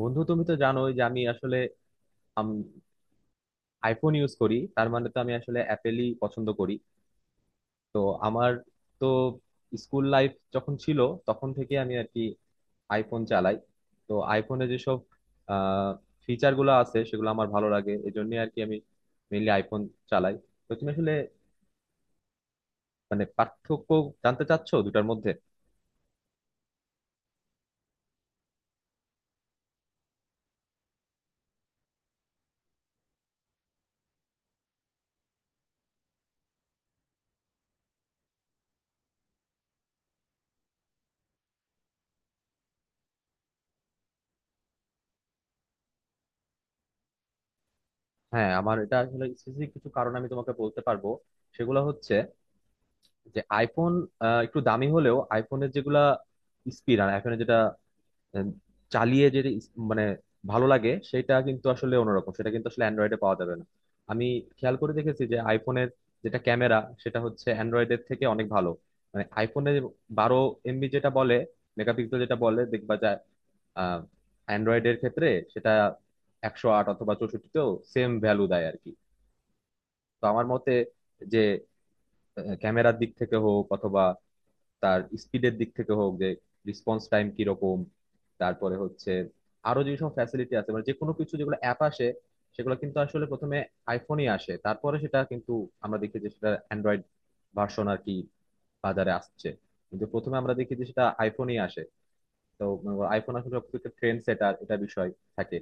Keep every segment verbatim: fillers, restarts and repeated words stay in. বন্ধু তুমি তো জানোই যে আমি আসলে আম- আইফোন ইউজ করি, তার মানে তো আমি আসলে অ্যাপেলই পছন্দ করি। তো আমার তো স্কুল লাইফ যখন ছিল তখন থেকে আমি আর কি আইফোন চালাই। তো আইফোনে যেসব ফিচার গুলো আছে সেগুলো আমার ভালো লাগে, এই জন্য আর কি আমি মেইনলি আইফোন চালাই। তো তুমি আসলে মানে পার্থক্য জানতে চাচ্ছো দুটার মধ্যে? হ্যাঁ, আমার এটা আসলে স্পেসিফিক কিছু কারণ আমি তোমাকে বলতে পারবো। সেগুলো হচ্ছে যে আইফোন আহ, একটু দামি হলেও আইফোনের যেগুলা স্পিড আর আইফোনে যেটা আহ, চালিয়ে যেটা ইস- মানে ভালো লাগে সেটা কিন্তু আসলে অন্যরকম, সেটা কিন্তু আসলে অ্যান্ড্রয়েডে পাওয়া যাবে না। আমি খেয়াল করে দেখেছি যে আইফোনের যেটা ক্যামেরা সেটা হচ্ছে অ্যান্ড্রয়েডের থেকে অনেক ভালো। মানে আইফোনে বারো এমবি যেটা বলে, মেগাপিক্সেল যেটা বলে দেখবা যায়। আহ, অ্যান্ড্রয়েডের ক্ষেত্রে সেটা একশো আট অথবা চৌষট্টিতেও সেম ভ্যালু দেয় আর কি। তো আমার মতে, যে ক্যামেরার দিক থেকে হোক অথবা তার স্পিডের দিক থেকে হোক, যে রেসপন্স টাইম কিরকম। তারপরে হচ্ছে আরো যেসব ফ্যাসিলিটি আছে, মানে যে কোনো কিছু যেগুলো অ্যাপ আসে সেগুলো কিন্তু আসলে প্রথমে আইফোনই আসে, তারপরে সেটা কিন্তু আমরা দেখি যে সেটা অ্যান্ড্রয়েড ভার্সন আর কি বাজারে আসছে, কিন্তু প্রথমে আমরা দেখি যে সেটা আইফোনই আসে। তো আইফোন আসলে সবথেকে ট্রেন্ড সেটার এটা বিষয় থাকে।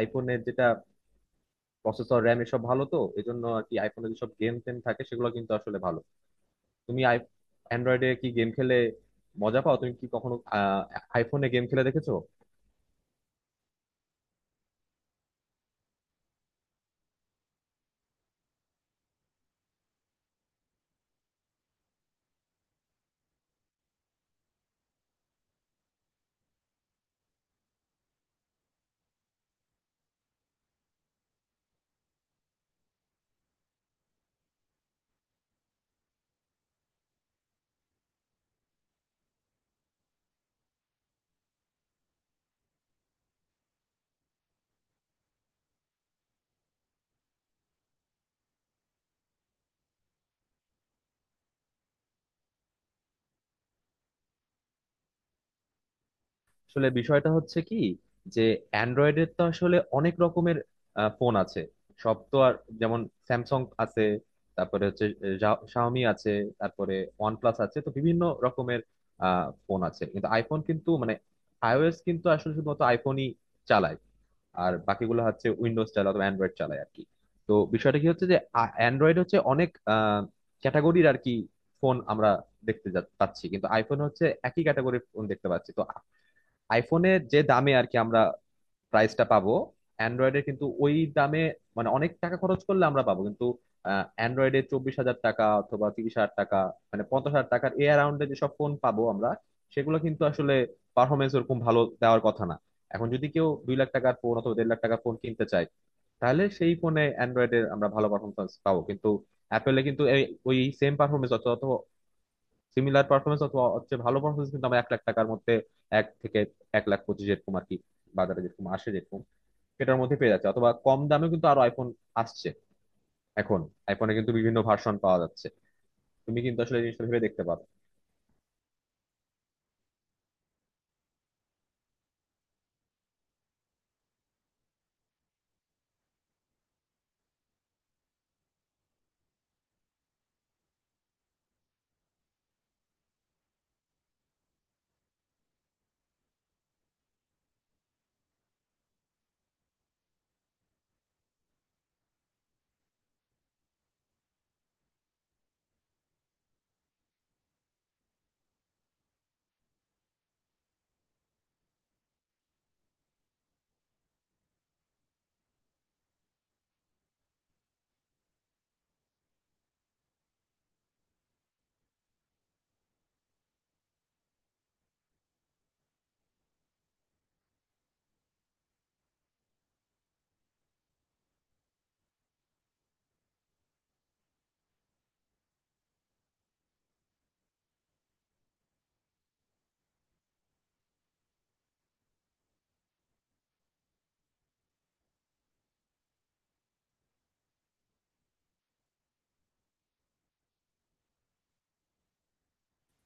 আইফোনের যেটা প্রসেসর, র্যাম এসব ভালো, তো এজন্য আর কি আইফোনের যেসব গেম টেম থাকে সেগুলো কিন্তু আসলে ভালো। তুমি আই অ্যান্ড্রয়েডে কি গেম খেলে মজা পাও? তুমি কি কখনো আহ, আইফোনে গেম খেলে দেখেছো? আসলে বিষয়টা হচ্ছে কি যে অ্যান্ড্রয়েডের তো আসলে অনেক রকমের আহ, ফোন আছে। সব তো আর, যেমন স্যামসাং আছে, তারপরে হচ্ছে শাওমি আছে, তারপরে ওয়ানপ্লাস আছে, তো বিভিন্ন রকমের আহ, ফোন আছে। কিন্তু আইফোন কিন্তু মানে আইওএস কিন্তু আসলে শুধুমাত্র আইফোনই চালায়, আর বাকিগুলো হচ্ছে উইন্ডোজ চালায় অথবা অ্যান্ড্রয়েড চালায় আর কি। তো বিষয়টা কি হচ্ছে যে অ্যান্ড্রয়েড হচ্ছে অনেক ক্যাটাগরির আর কি ফোন আমরা দেখতে যা- পাচ্ছি, কিন্তু আইফোন হচ্ছে একই ক্যাটাগরির ফোন দেখতে পাচ্ছি। তো আইফোনে যে দামে আর কি আমরা প্রাইসটা পাবো, অ্যান্ড্রয়েডে কিন্তু ওই দামে মানে অনেক টাকা খরচ করলে আমরা পাবো, কিন্তু অ্যান্ড্রয়েডে চব্বিশ হাজার টাকা অথবা তিরিশ হাজার টাকা, মানে পঞ্চাশ হাজার টাকার এ অ্যারাউন্ডে যেসব ফোন পাবো আমরা সেগুলো কিন্তু আসলে পারফরমেন্স ওরকম ভালো দেওয়ার কথা না। এখন যদি কেউ দুই লাখ টাকার ফোন অথবা দেড় লাখ টাকার ফোন কিনতে চায়, তাহলে সেই ফোনে অ্যান্ড্রয়েডের আমরা ভালো পারফরমেন্স পাবো, কিন্তু অ্যাপেলে কিন্তু এই ওই সেম পারফরমেন্স অথবা অথবা সিমিলার পারফরমেন্স অথবা হচ্ছে ভালো পারফরমেন্স কিন্তু আমরা এক লাখ টাকার মধ্যে, এক থেকে এক লাখ পঁচিশ এরকম আর কি বাজারে যেরকম আসে, যেরকম এটার মধ্যে পেয়ে যাচ্ছে, অথবা কম দামেও কিন্তু আরো আইফোন আসছে এখন। আইফোনে কিন্তু বিভিন্ন ভার্সন পাওয়া যাচ্ছে, তুমি কিন্তু আসলে এই জিনিসটা ভেবে দেখতে পারো।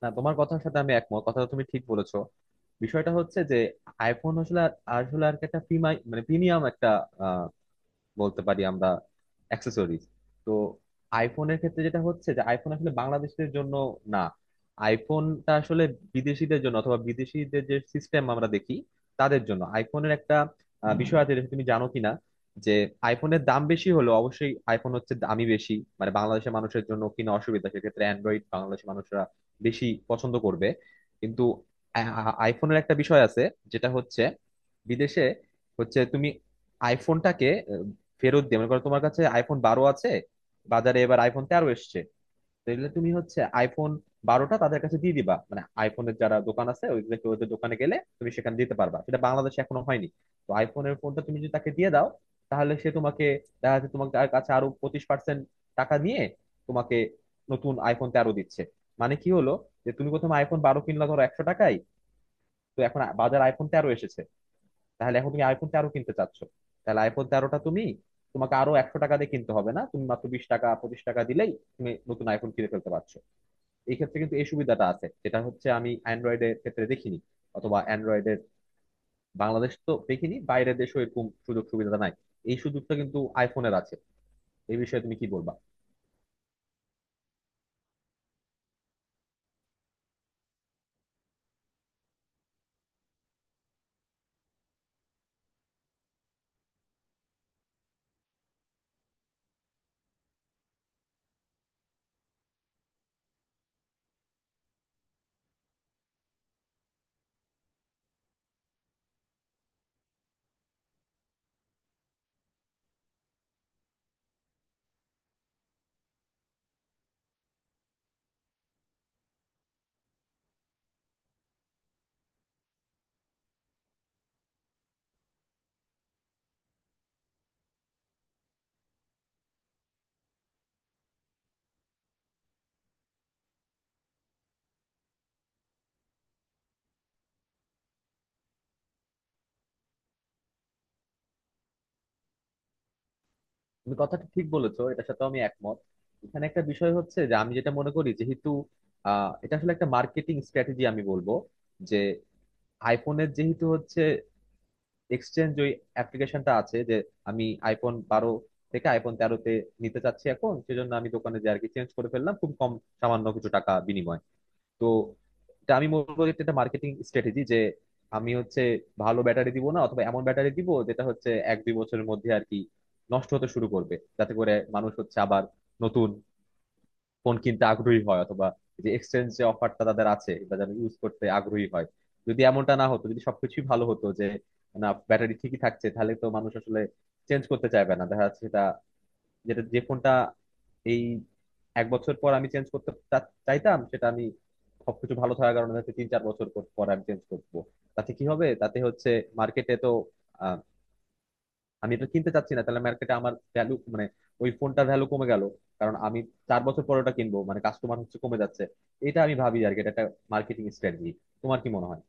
না, তোমার কথার সাথে আমি একমত, কথাটা তুমি ঠিক বলেছো। বিষয়টা হচ্ছে যে আইফোন আসলে আর- আসলে আর কি একটা প্রিমাই মানে প্রিমিয়াম একটা আহ, বলতে পারি আমরা অ্যাক্সেসরিজ। তো আইফোনের ক্ষেত্রে যেটা হচ্ছে যে আইফোন আসলে বাংলাদেশিদের জন্য না, আইফোনটা আসলে বিদেশিদের জন্য অথবা বিদেশিদের যে সিস্টেম আমরা দেখি তাদের জন্য। আইফোনের একটা আহ, বিষয় আছে যেটা তুমি জানো কিনা, যে আইফোনের দাম বেশি হলেও অবশ্যই আইফোন হচ্ছে দামি বেশি, মানে বাংলাদেশের মানুষের জন্য কিনা অসুবিধা, সেক্ষেত্রে অ্যান্ড্রয়েড বাংলাদেশের মানুষরা বেশি পছন্দ করবে। কিন্তু আ- আ- আইফোনের একটা বিষয় আছে যেটা হচ্ছে বিদেশে হচ্ছে তুমি আইফোনটাকে ফেরত দিয়ে, মনে করো তোমার কাছে আইফোন বারো আছে, বাজারে এবার আইফোন তেরো এসছে, তাহলে তুমি হচ্ছে আইফোন বারোটা তাদের কাছে দিয়ে দিবা, মানে আইফোনের যারা দোকান আছে ওইগুলোকে, ওদের দোকানে গেলে তুমি সেখানে দিতে পারবা, সেটা বাংলাদেশে এখনো হয়নি। তো আইফোনের ফোনটা তুমি যদি তাকে দিয়ে দাও তাহলে সে তোমাকে, দেখা যাচ্ছে তোমার, তার কাছে আরো পঁচিশ পার্সেন্ট টাকা নিয়ে তোমাকে নতুন আইফোন তেরো দিচ্ছে। মানে কি হলো যে তুমি প্রথমে আইফোন বারো কিনলা ধরো একশো টাকায়, তো এখন বাজার আইফোন তেরো এসেছে, তাহলে এখন তুমি আইফোন তেরো কিনতে চাচ্ছ, তাহলে আইফোন তেরোটা তুমি, তোমাকে আরো একশো টাকা দিয়ে কিনতে হবে না, তুমি মাত্র বিশ টাকা পঁচিশ টাকা দিলেই তুমি নতুন আইফোন কিনে ফেলতে পারছো। এই ক্ষেত্রে কিন্তু এই সুবিধাটা আছে যেটা হচ্ছে আমি অ্যান্ড্রয়েডের ক্ষেত্রে দেখিনি, অথবা অ্যান্ড্রয়েডের বাংলাদেশ তো দেখিনি, বাইরের দেশেও এরকম সুযোগ সুবিধা নাই। এই সুযোগটা কিন্তু আইফোনের আছে। এই বিষয়ে তুমি কি বলবা? তুমি কথাটা ঠিক বলেছো, এটার সাথে আমি একমত। এখানে একটা বিষয় হচ্ছে যে আমি যেটা মনে করি, যেহেতু আহ, এটা আসলে একটা মার্কেটিং স্ট্র্যাটেজি আমি বলবো, যে আইফোনের যেহেতু হচ্ছে এক্সচেঞ্জ ওই অ্যাপ্লিকেশনটা আছে যে আমি আইফোন বারো থেকে আইফোন তেরোতে নিতে চাচ্ছি এখন, সেজন্য আমি দোকানে যে আর কি চেঞ্জ করে ফেললাম খুব কম, সামান্য কিছু টাকা বিনিময়। তো এটা আমি বলবো যে এটা মার্কেটিং স্ট্র্যাটেজি যে আমি হচ্ছে ভালো ব্যাটারি দিব না, অথবা এমন ব্যাটারি দিব যেটা হচ্ছে এক দুই বছরের মধ্যে আর কি নষ্ট হতে শুরু করবে, যাতে করে মানুষ হচ্ছে আবার নতুন ফোন কিনতে আগ্রহী হয়, অথবা যে এক্সচেঞ্জ যে অফারটা তাদের আছে এটা যেন ইউজ করতে আগ্রহী হয়। যদি এমনটা না হতো, যদি সবকিছুই ভালো হতো, যে না ব্যাটারি ঠিকই থাকছে, তাহলে তো মানুষ আসলে চেঞ্জ করতে চাইবে না, দেখা যাচ্ছে সেটা, যেটা যে ফোনটা এই এক বছর পর আমি চেঞ্জ করতে চা- চাইতাম সেটা আমি সবকিছু ভালো থাকার কারণে হয়তো তিন চার বছর পর পর আমি চেঞ্জ করবো। তাতে কি হবে? তাতে হচ্ছে মার্কেটে তো আমি এটা কিনতে চাচ্ছি না, তাহলে মার্কেটে আমার ভ্যালু মানে ওই ফোনটার ভ্যালু কমে গেল, কারণ আমি চার বছর পরে ওটা কিনবো, মানে কাস্টমার হচ্ছে কমে যাচ্ছে। এটা আমি ভাবি আর কি, এটা একটা মার্কেটিং স্ট্র্যাটেজি। তোমার কি মনে হয়?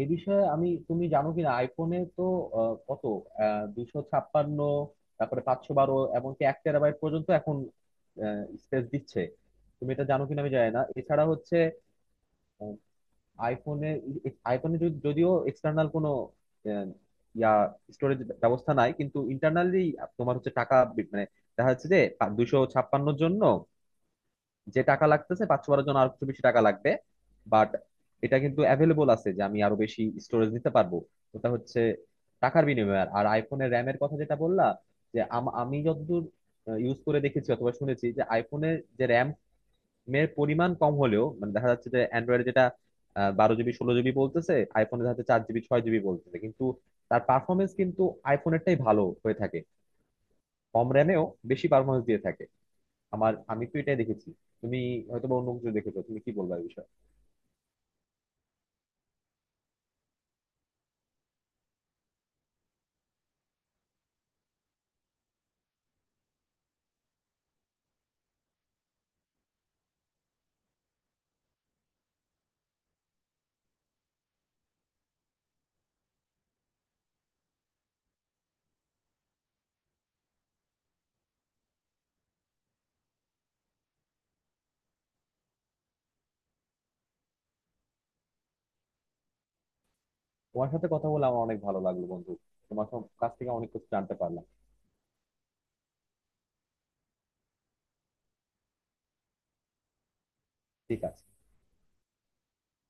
এই বিষয়ে আমি, তুমি জানো কিনা আইফোনে তো আহ, কত, আহ, দুশো ছাপ্পান্ন, তারপরে পাঁচশো বারো, এমনকি এক টেরাবাইট পর্যন্ত এখন স্পেস দিচ্ছে, তুমি এটা জানো কিনা আমি জানি না। এছাড়া হচ্ছে আইফোনে আইফোনে যদি- যদিও এক্সটার্নাল কোনো আহ, ইয়া স্টোরেজ ব্যবস্থা নাই, কিন্তু ইন্টারনালি তোমার হচ্ছে টাকা বি- মানে দেখা যাচ্ছে যে দুইশো ছাপ্পান্নর জন্য যে টাকা লাগতেছে, পাঁচশো বারোর জন্য আর কিছু বেশি টাকা লাগবে। বাট এটা কিন্তু অ্যাভেলেবল আছে যে আমি আরো বেশি স্টোরেজ নিতে পারবো, ওটা হচ্ছে টাকার বিনিময়ে। আর আইফোনের র্যামের কথা যেটা বললা, যে আম- আমি যতদূর ইউজ করে দেখেছি অথবা শুনেছি যে আইফোনের যে র্যাম মেয়ের পরিমাণ কম হলেও, মানে দেখা যাচ্ছে যে অ্যান্ড্রয়েডে যেটা বারো জিবি ষোলো জিবি বলতেছে, আইফোনে দেখা যাচ্ছে চার জিবি ছয় জিবি বলতেছে, কিন্তু তার পারফরমেন্স কিন্তু আইফোনেরটাই ভালো হয়ে থাকে। কম র্যামেও বেশি পারফরমেন্স দিয়ে থাকে। আমার, আমি তো এটাই দেখেছি, তুমি হয়তো বা অন্য কিছু দেখেছো, তুমি কি বলবা এই বিষয়ে? তোমার সাথে কথা বলে আমার অনেক ভালো লাগলো বন্ধু, তোমার সব- কাছ থেকে অনেক কিছু জানতে পারলাম। ঠিক আছে।